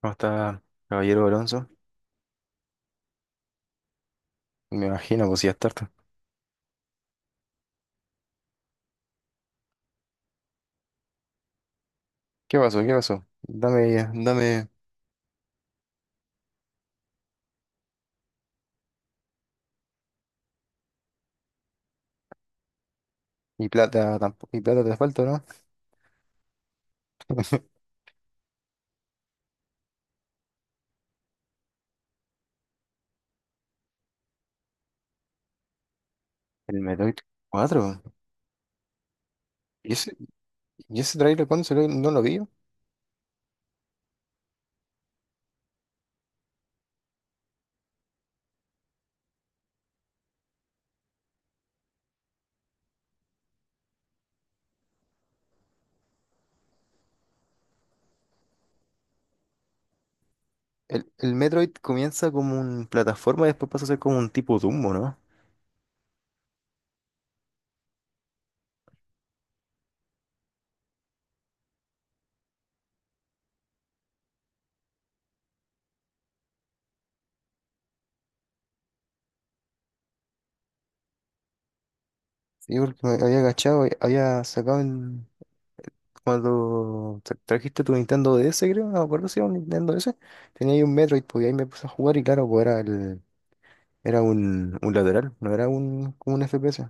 ¿Cómo está, caballero Alonso? Me imagino, pues si ya es tarde. ¿Qué pasó? ¿Qué pasó? Dame, dame. Y plata tampoco. Y plata te falta, ¿no? El Metroid 4. ¿Y ese, y ese trailer cuándo salió? No lo vi. El Metroid comienza como un plataforma y después pasa a ser como un tipo Dumbo, ¿no? Sí, porque me había agachado, había sacado el. Cuando trajiste tu Nintendo DS, creo, no me acuerdo si era un Nintendo DS, tenía ahí un Metroid, pues y ahí me puse a jugar y claro, pues era un lateral, no era como un FPS.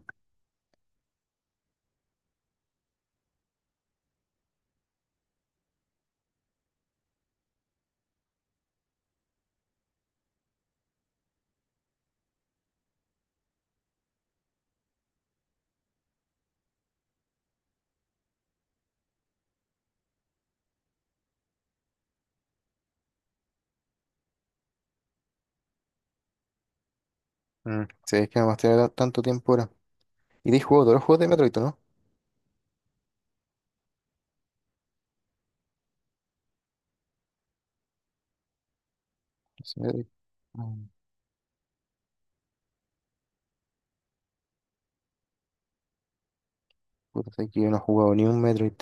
Mm, sí, es que además tiene tanto tiempo ahora. Y te has jugado todos los juegos de Metroid, ¿o ¿no? Sí, Metroid. Mm, Puta, sé que yo no he jugado ni un Metroid.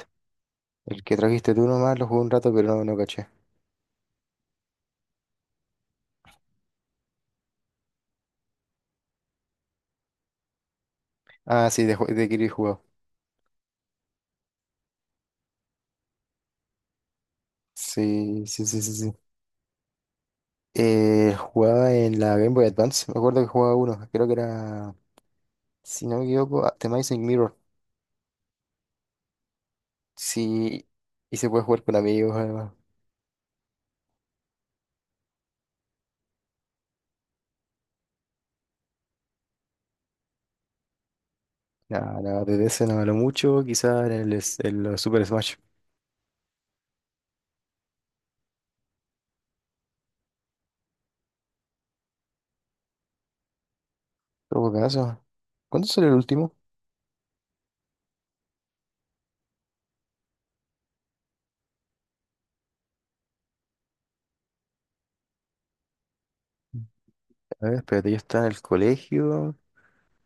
El que trajiste tú nomás lo jugué un rato, pero no, no caché. Ah, sí, de Kirby he jugado. Sí, sí, sí, sí, sí. Jugaba en la Game Boy Advance. Me acuerdo que jugaba uno. Creo que era, si no me equivoco, The Amazing Mirror. Sí, y se puede jugar con amigos, además. Nada, nada, desde ese no lo mucho. Quizás en los Super Smash. Todo caso. ¿Cuándo salió el último? A ver, espérate, yo estaba en el colegio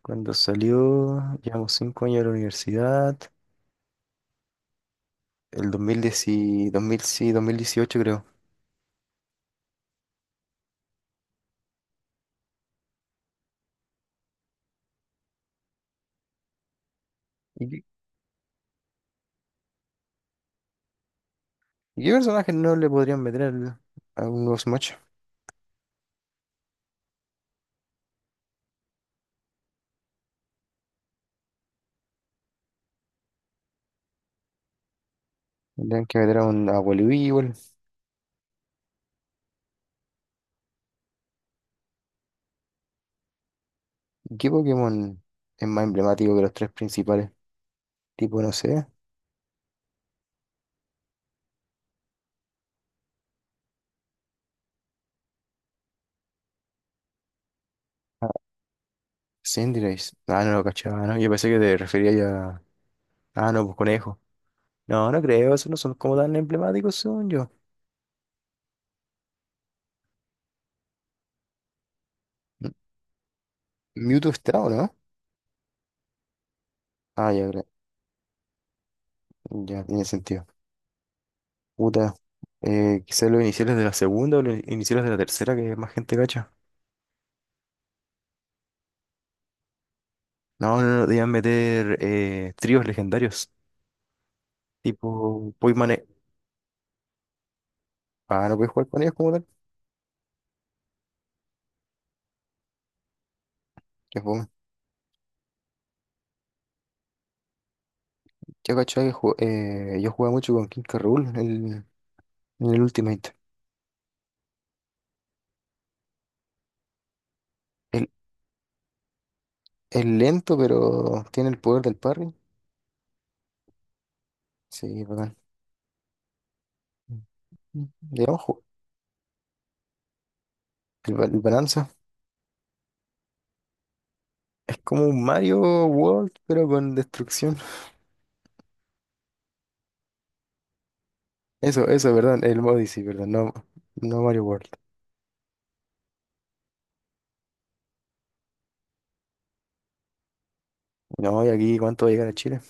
cuando salió, llevamos 5 años a la universidad, el 2010, dos mil sí, 2018 creo. ¿Y qué, y qué personaje no le podrían meter a un nuevo Smash? Tendrían que meter a Wily igual. ¿Y qué Pokémon es más emblemático que los tres principales? Tipo, no sé, a Cinderace. Ah, no lo cachaba, ¿no? Yo pensé que te refería ya. Ah, no, pues Conejo. No, no creo, esos no son como tan emblemáticos según yo. M- Mewtwo está, ¿o no? Ah, ya, ya tiene sentido. Puta, quizás los iniciales de la segunda o los iniciales de la tercera, que más gente cacha. No, no, no, debían meter tríos legendarios, tipo Poimane. Ah, no puedes jugar con ellos como tal. Qué fome. Yo cachaba que yo jugaba mucho con King K. Rool en en el Ultimate. El, es lento, pero tiene el poder del parry. Sí, bacán. Mm. Digamos, el Balanza. Es como un Mario World, pero con destrucción. Eso, perdón, el Odyssey, perdón, no, no Mario World. No, y aquí, ¿cuánto va a llegar a Chile?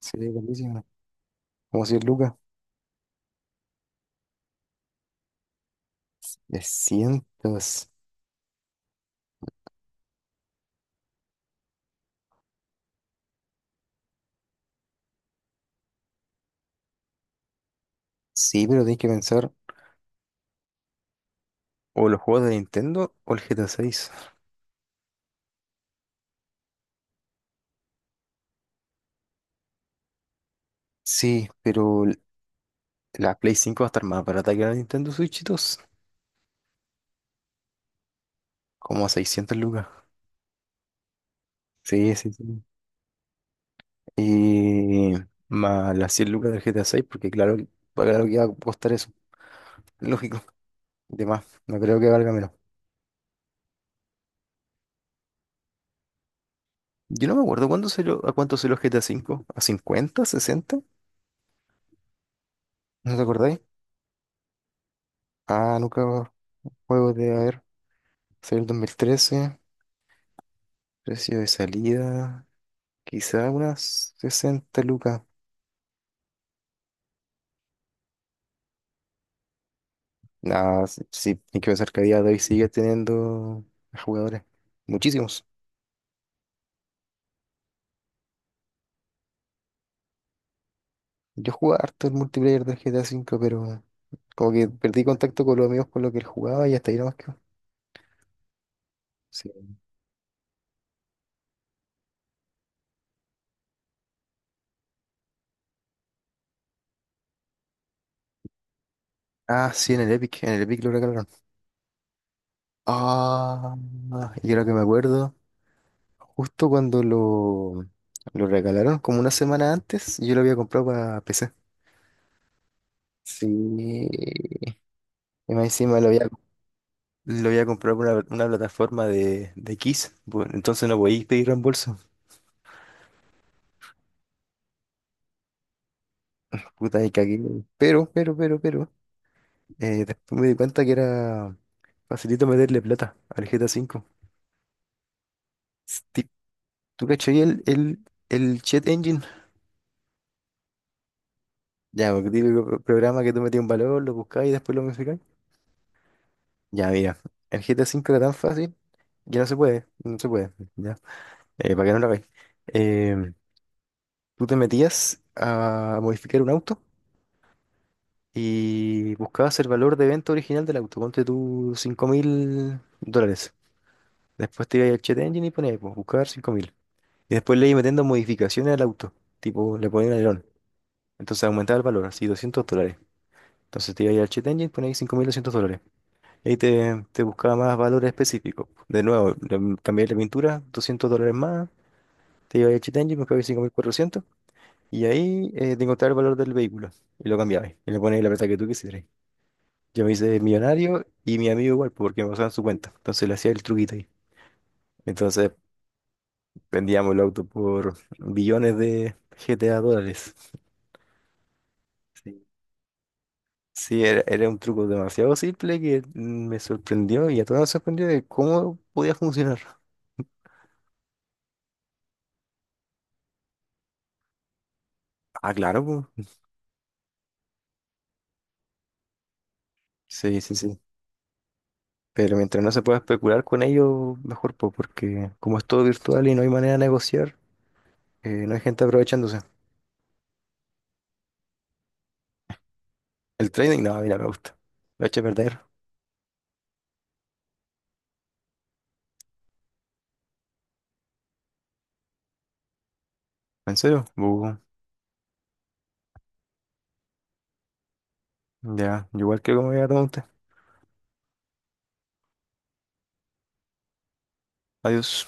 Sería buenísimo. Como 100 lucas. De Sí, pero tenés que pensar o los juegos de Nintendo o el GTA 6. Sí, pero la Play 5 va a estar más barata que la Nintendo Switch 2. Como a 600 lucas. Sí, sí, sí. Y más las 100 lucas del GTA 6, porque claro, claro que va a costar eso. Lógico. De más, no creo que valga menos. Yo no me acuerdo cuándo se a cuánto se los GTA 5. ¿A cinco? ¿A 50 sesenta? ¿No te acordáis? Ah, nunca. Juegos de, a ver, salió el 2013, precio de salida, quizá unas 60 lucas. Nada, sí, sí, hay que pensar que a día de hoy sigue teniendo jugadores, muchísimos. Yo jugaba harto el multiplayer del GTA V, pero como que perdí contacto con los amigos con los que él jugaba y hasta ahí nomás quedó. Sí. Ah, sí, en el Epic lo regalaron. Ah, y ahora que me acuerdo, justo cuando lo regalaron, como una semana antes, yo lo había comprado para PC. Sí, y más encima lo había comprado por una plataforma de Kiss. Entonces no podéis pedir reembolso. Puta, me cagué. Pero. Después me di cuenta que era facilito meterle plata al GTA 5. Ti- ¿Tú cachai el Chat Engine? Ya, porque típico programa que tú metías un valor, lo buscáis y después lo modificáis. Ya, mira. El GTA 5 era tan fácil que no se puede. No se puede. Ya. Para que no lo veáis. Eh, Tú te metías a modificar un auto. Y buscabas el valor de venta original del auto, ponte tú $5000. Después te ibas al Chat Engine y ponías, pues, buscar 5000. Y después le ibas metiendo modificaciones al auto, tipo le ponías un alerón. Entonces aumentaba el valor, así $200. Entonces te ibas al Chat Engine y ponías $5200. Y ahí te buscaba más valores específicos. De nuevo, cambiar la pintura, $200 más. Te ibas al Chat Engine, buscabas 5400. Y ahí te encontraba el valor del vehículo. Y lo cambiabas. Y le ponías la plata que tú quisieras. Yo me hice millonario y mi amigo igual, porque me pasaban su cuenta. Entonces le hacía el truquito ahí. Entonces vendíamos el auto por billones de GTA dólares. Sí, sí, era un truco demasiado simple que me sorprendió y a todos nos sorprendió de cómo podía funcionar. Ah, claro, po. Sí, sí, sí. Pero mientras no se pueda especular con ello, mejor, po, porque como es todo virtual y no hay manera de negociar, no hay gente aprovechándose. El trading, no, mira, me gusta. Lo he hecho perder. ¿En serio? Bu. Ya, igual que como ya te, tomar. Adiós.